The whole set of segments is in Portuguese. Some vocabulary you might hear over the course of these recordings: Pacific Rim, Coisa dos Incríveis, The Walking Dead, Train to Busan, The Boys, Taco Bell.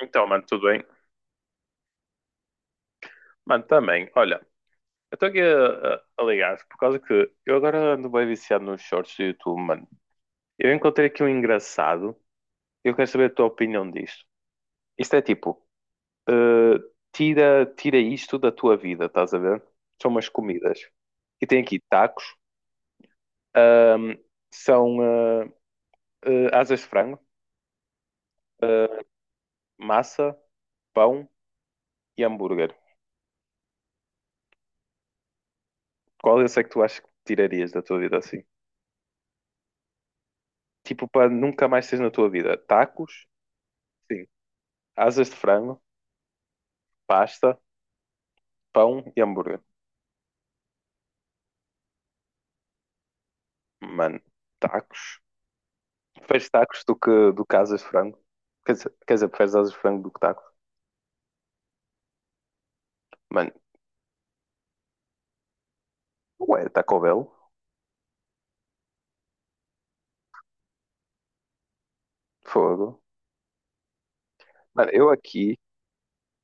Então, mano, tudo bem? Mano, também, olha, eu estou aqui a ligar por causa que eu agora ando bem viciado nos shorts do YouTube, mano. Eu encontrei aqui um engraçado e eu quero saber a tua opinião disto. Isto é tipo, eh, tira, tira isto da tua vida, estás a ver? São umas comidas. E tem aqui tacos, ahm, são asas de frango, ah, massa, pão e hambúrguer. Qual é que tu achas que tirarias da tua vida assim? Tipo, para nunca mais teres na tua vida? Tacos? Sim. Asas de frango, pasta, pão e hambúrguer. Mano, tacos. Preferes tacos do que asas de frango? Quer dizer, preferes asas de frango do que tacos? Mano, ué, Taco Bell? Fogo. Mano, eu aqui.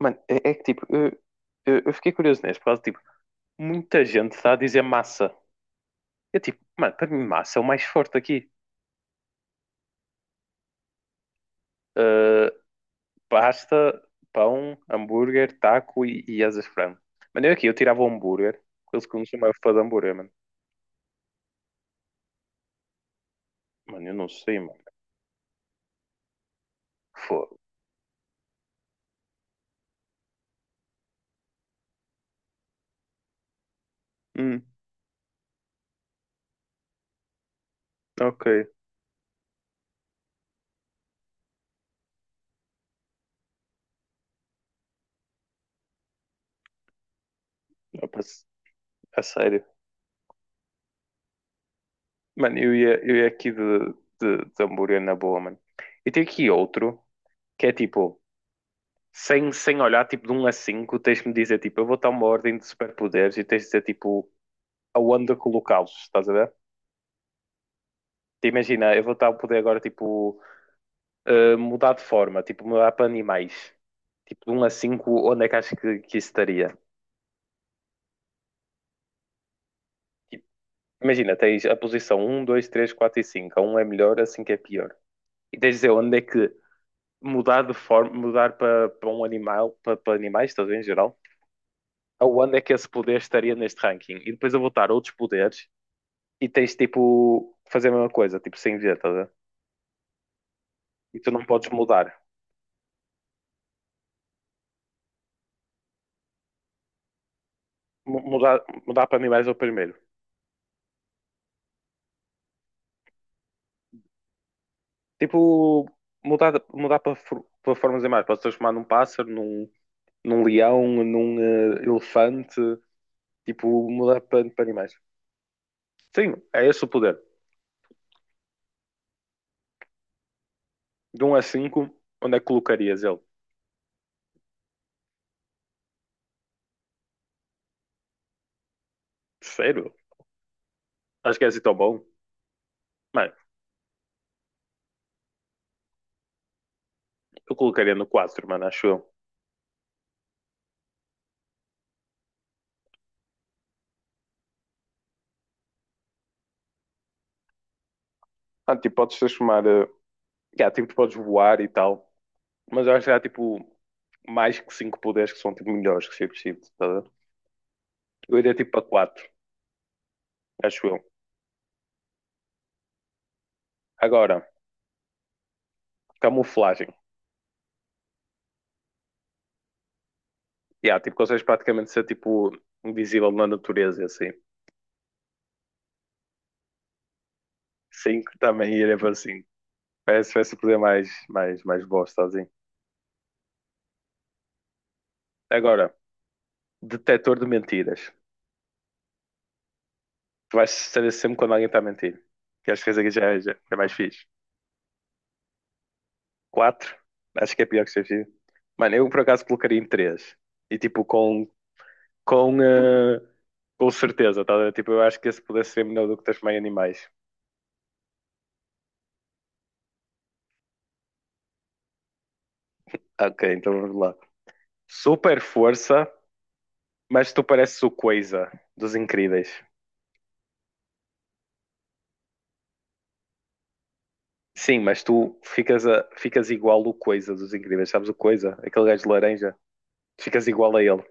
Mano, é que tipo. Eu fiquei curioso nesse por causa de tipo. Muita gente está a dizer massa. Eu tipo, mano, para mim massa é o mais forte aqui. Uh, pasta, pão, hambúrguer, taco e asas de frango. Mano, eu aqui, eu tirava o hambúrguer. Eles que eu não sou mais fã de hambúrguer, mano. Mano, eu não sei, mano. Fogo. Hum, ok. Opa, a sério. Mano, eu ia aqui de hambúrguer na boa, mano. E tem aqui outro, que é tipo, sem olhar, tipo de um a 5 tens de me dizer, tipo, eu vou dar uma ordem de superpoderes e tens de dizer, tipo, aonde colocá-los, estás a ver? Te Imagina, eu vou dar o poder agora, tipo, mudar de forma, tipo, mudar para animais. Tipo, de um a 5 onde é que acho que isso estaria? Tipo, imagina, tens a posição um, dois, três, 4 e cinco. A um é melhor, a cinco é pior. E tens de dizer onde é que mudar de forma, mudar para um animal, para animais, estás a ver, em geral, aonde é que esse poder estaria neste ranking? E depois eu vou dar outros poderes e tens tipo fazer a mesma coisa, tipo sem ver, estás a ver? E tu não podes mudar. Mu- Mudar, mudar para animais é o primeiro. Tipo, mudar para, para formas de animais. Podes transformar num pássaro, num leão, num elefante. Tipo, mudar para animais. Sim, é esse o poder. De um a 5, onde é que colocarias ele? Terceiro? Acho que é assim tão bom. Mano, eu colocaria no 4, mano, acho eu. Ah, tipo, podes transformar. Yeah, tipo, tu podes voar e tal. Mas eu acho que há, tipo, mais que 5 poderes que são, tipo, melhores que ser preciso, tá a ver? Eu iria, tipo, para quatro, acho eu. Agora, camuflagem. Yeah, tipo, consegues praticamente ser, tipo, invisível na natureza, e assim. Cinco, também iria para 5. Parece o poder mais, mais, mais bosta, assim. Agora, detector de mentiras. Tu vais saber sempre quando alguém está a mentir. Que acho que esse aqui já, já é mais fixe. Quatro? Acho que é pior que Chefia. Mano, eu por acaso colocaria em três. E tipo, com, eh, com certeza, tá a ver? Tipo, eu acho que esse pudesse ser melhor do que Tasmania Animais. Ok, então vamos lá. Super força, mas tu pareces o Coisa dos Incríveis. Sim, mas tu ficas, ficas igual o Coisa dos Incríveis. Sabes o Coisa? Aquele gajo de laranja. Ficas igual a ele.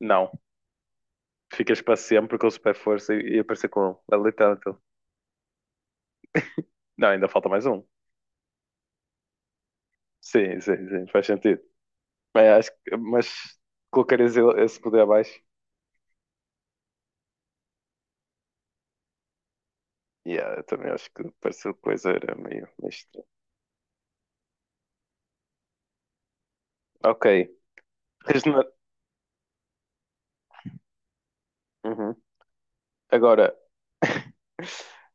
Não. Ficas para sempre com super força e aparecer com ele. É literalmente ele. Não, ainda falta mais um. Sim, sim, sim. Faz sentido. Bem, mas colocares ele esse poder abaixo. Yeah, eu também acho que pareceu coisa era meio estranho. Ok. Regenera... Uhum. Agora,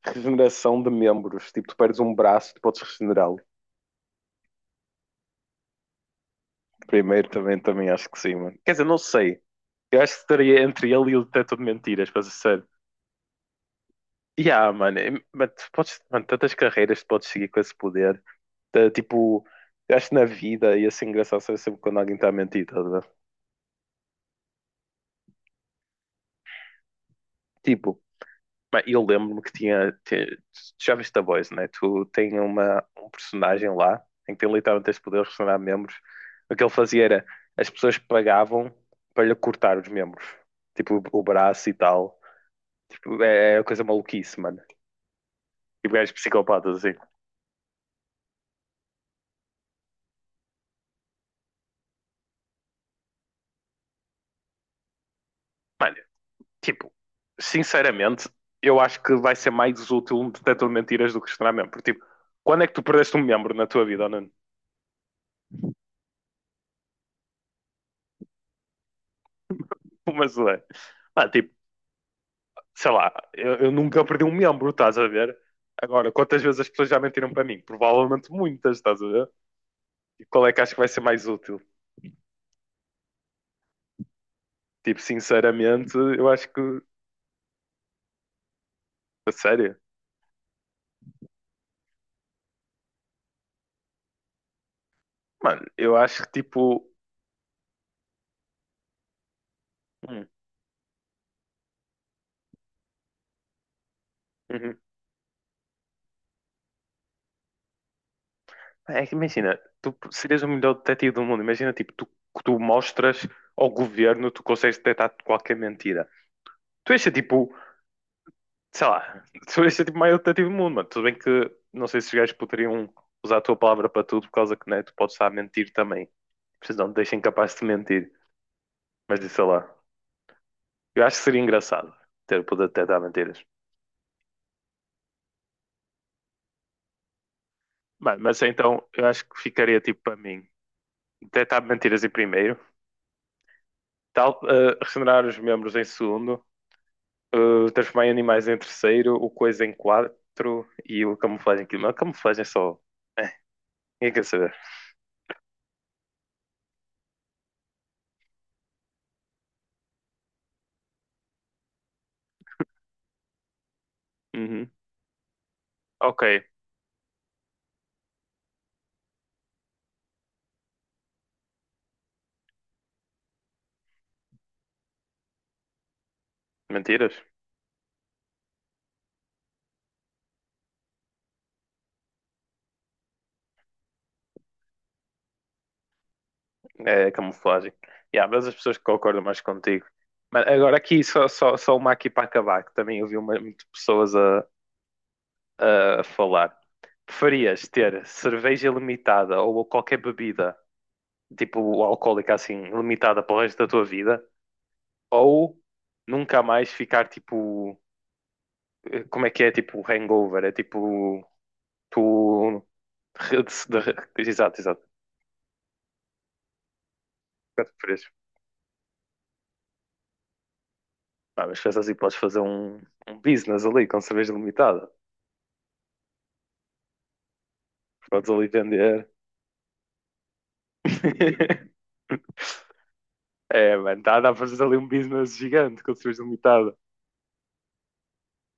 regeneração de membros. Tipo, tu perdes um braço, tu podes regenerá-lo. Primeiro também acho que sim, mano. Quer dizer, não sei. Eu acho que estaria entre ele e o detector de mentiras, para ser sério. Yeah, mano, mas tu podes, mano, tantas carreiras tu podes seguir com esse poder. Tá, tipo, eu acho que na vida ia ser engraçado saber sempre quando alguém está a mentir, tá a ver? Tipo, mas eu lembro-me que tu já viste The Boys, né? Tu tem uma, um personagem lá em que tem literalmente esse poder de restaurar membros. O que ele fazia era as pessoas pagavam para lhe cortar os membros, tipo o braço e tal. Tipo, é coisa maluquice, mano. Tipo, gajos psicopatas assim. Mano, tipo, sinceramente, eu acho que vai ser mais útil um detector de mentiras do que restaurar membros. Porque, tipo, quando é que tu perdeste um membro na tua vida, Nuno? Mas, ué, tipo, sei lá, eu nunca perdi um membro, estás a ver? Agora, quantas vezes as pessoas já mentiram para mim? Provavelmente muitas, estás a ver? E qual é que acho que vai ser mais útil? Tipo, sinceramente, eu acho que, a sério, mano, eu acho que tipo, hum, uhum. É que imagina, tu serias o melhor detetive do mundo, imagina tipo, tu mostras ao governo, tu consegues detectar qualquer mentira. Tu és tipo sei lá, tu és tipo o maior detetive do mundo, mano. Tudo bem que não sei se os gajos poderiam usar a tua palavra para tudo, por causa que né, tu podes estar a mentir também. Vocês não te deixem capaz de mentir. Mas sei lá, eu acho que seria engraçado ter o poder de detectar mentiras. Mano, mas então eu acho que ficaria tipo para mim: detectar mentiras em primeiro, tal, regenerar os membros em segundo, transformar em animais em terceiro, o coisa em quatro e o camuflagem em quinto. Mas a camuflagem é só. É, ninguém quer saber. Uhum. Ok, mentiras. É a camuflagem. Yeah, mas as pessoas que concordam mais contigo. Mas agora aqui, só uma aqui para acabar, que também ouvi muitas pessoas a falar. Preferias ter cerveja limitada ou qualquer bebida, tipo alcoólica assim, limitada para o resto da tua vida, ou nunca mais ficar tipo, como é que é, tipo hangover, é tipo, tu... re- de- Exato, exato. O que é que preferias? Ah, mas pensa assim, podes fazer um, business ali com cerveja limitada. Podes ali vender. É, mano, dá para fazer ali um business gigante com cerveja limitada.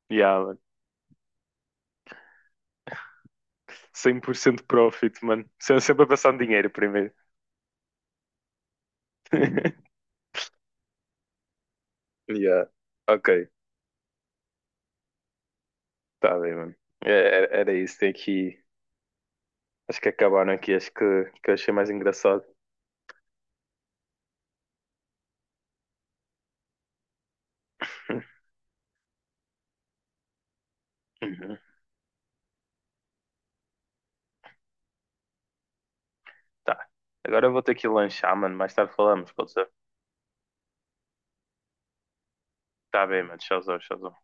Yeah, mano. 100% profit, mano. Sempre sempre a passar no dinheiro primeiro. Yeah. Ok, tá bem, mano. É, era isso. Tem aqui. Acho que acabaram aqui. Acho que eu achei mais engraçado. Uhum. Tá. Agora eu vou ter que lanchar, mano. Mais tarde falamos, pode ser? Tá bem, mano. Tchauzão, tchauzão.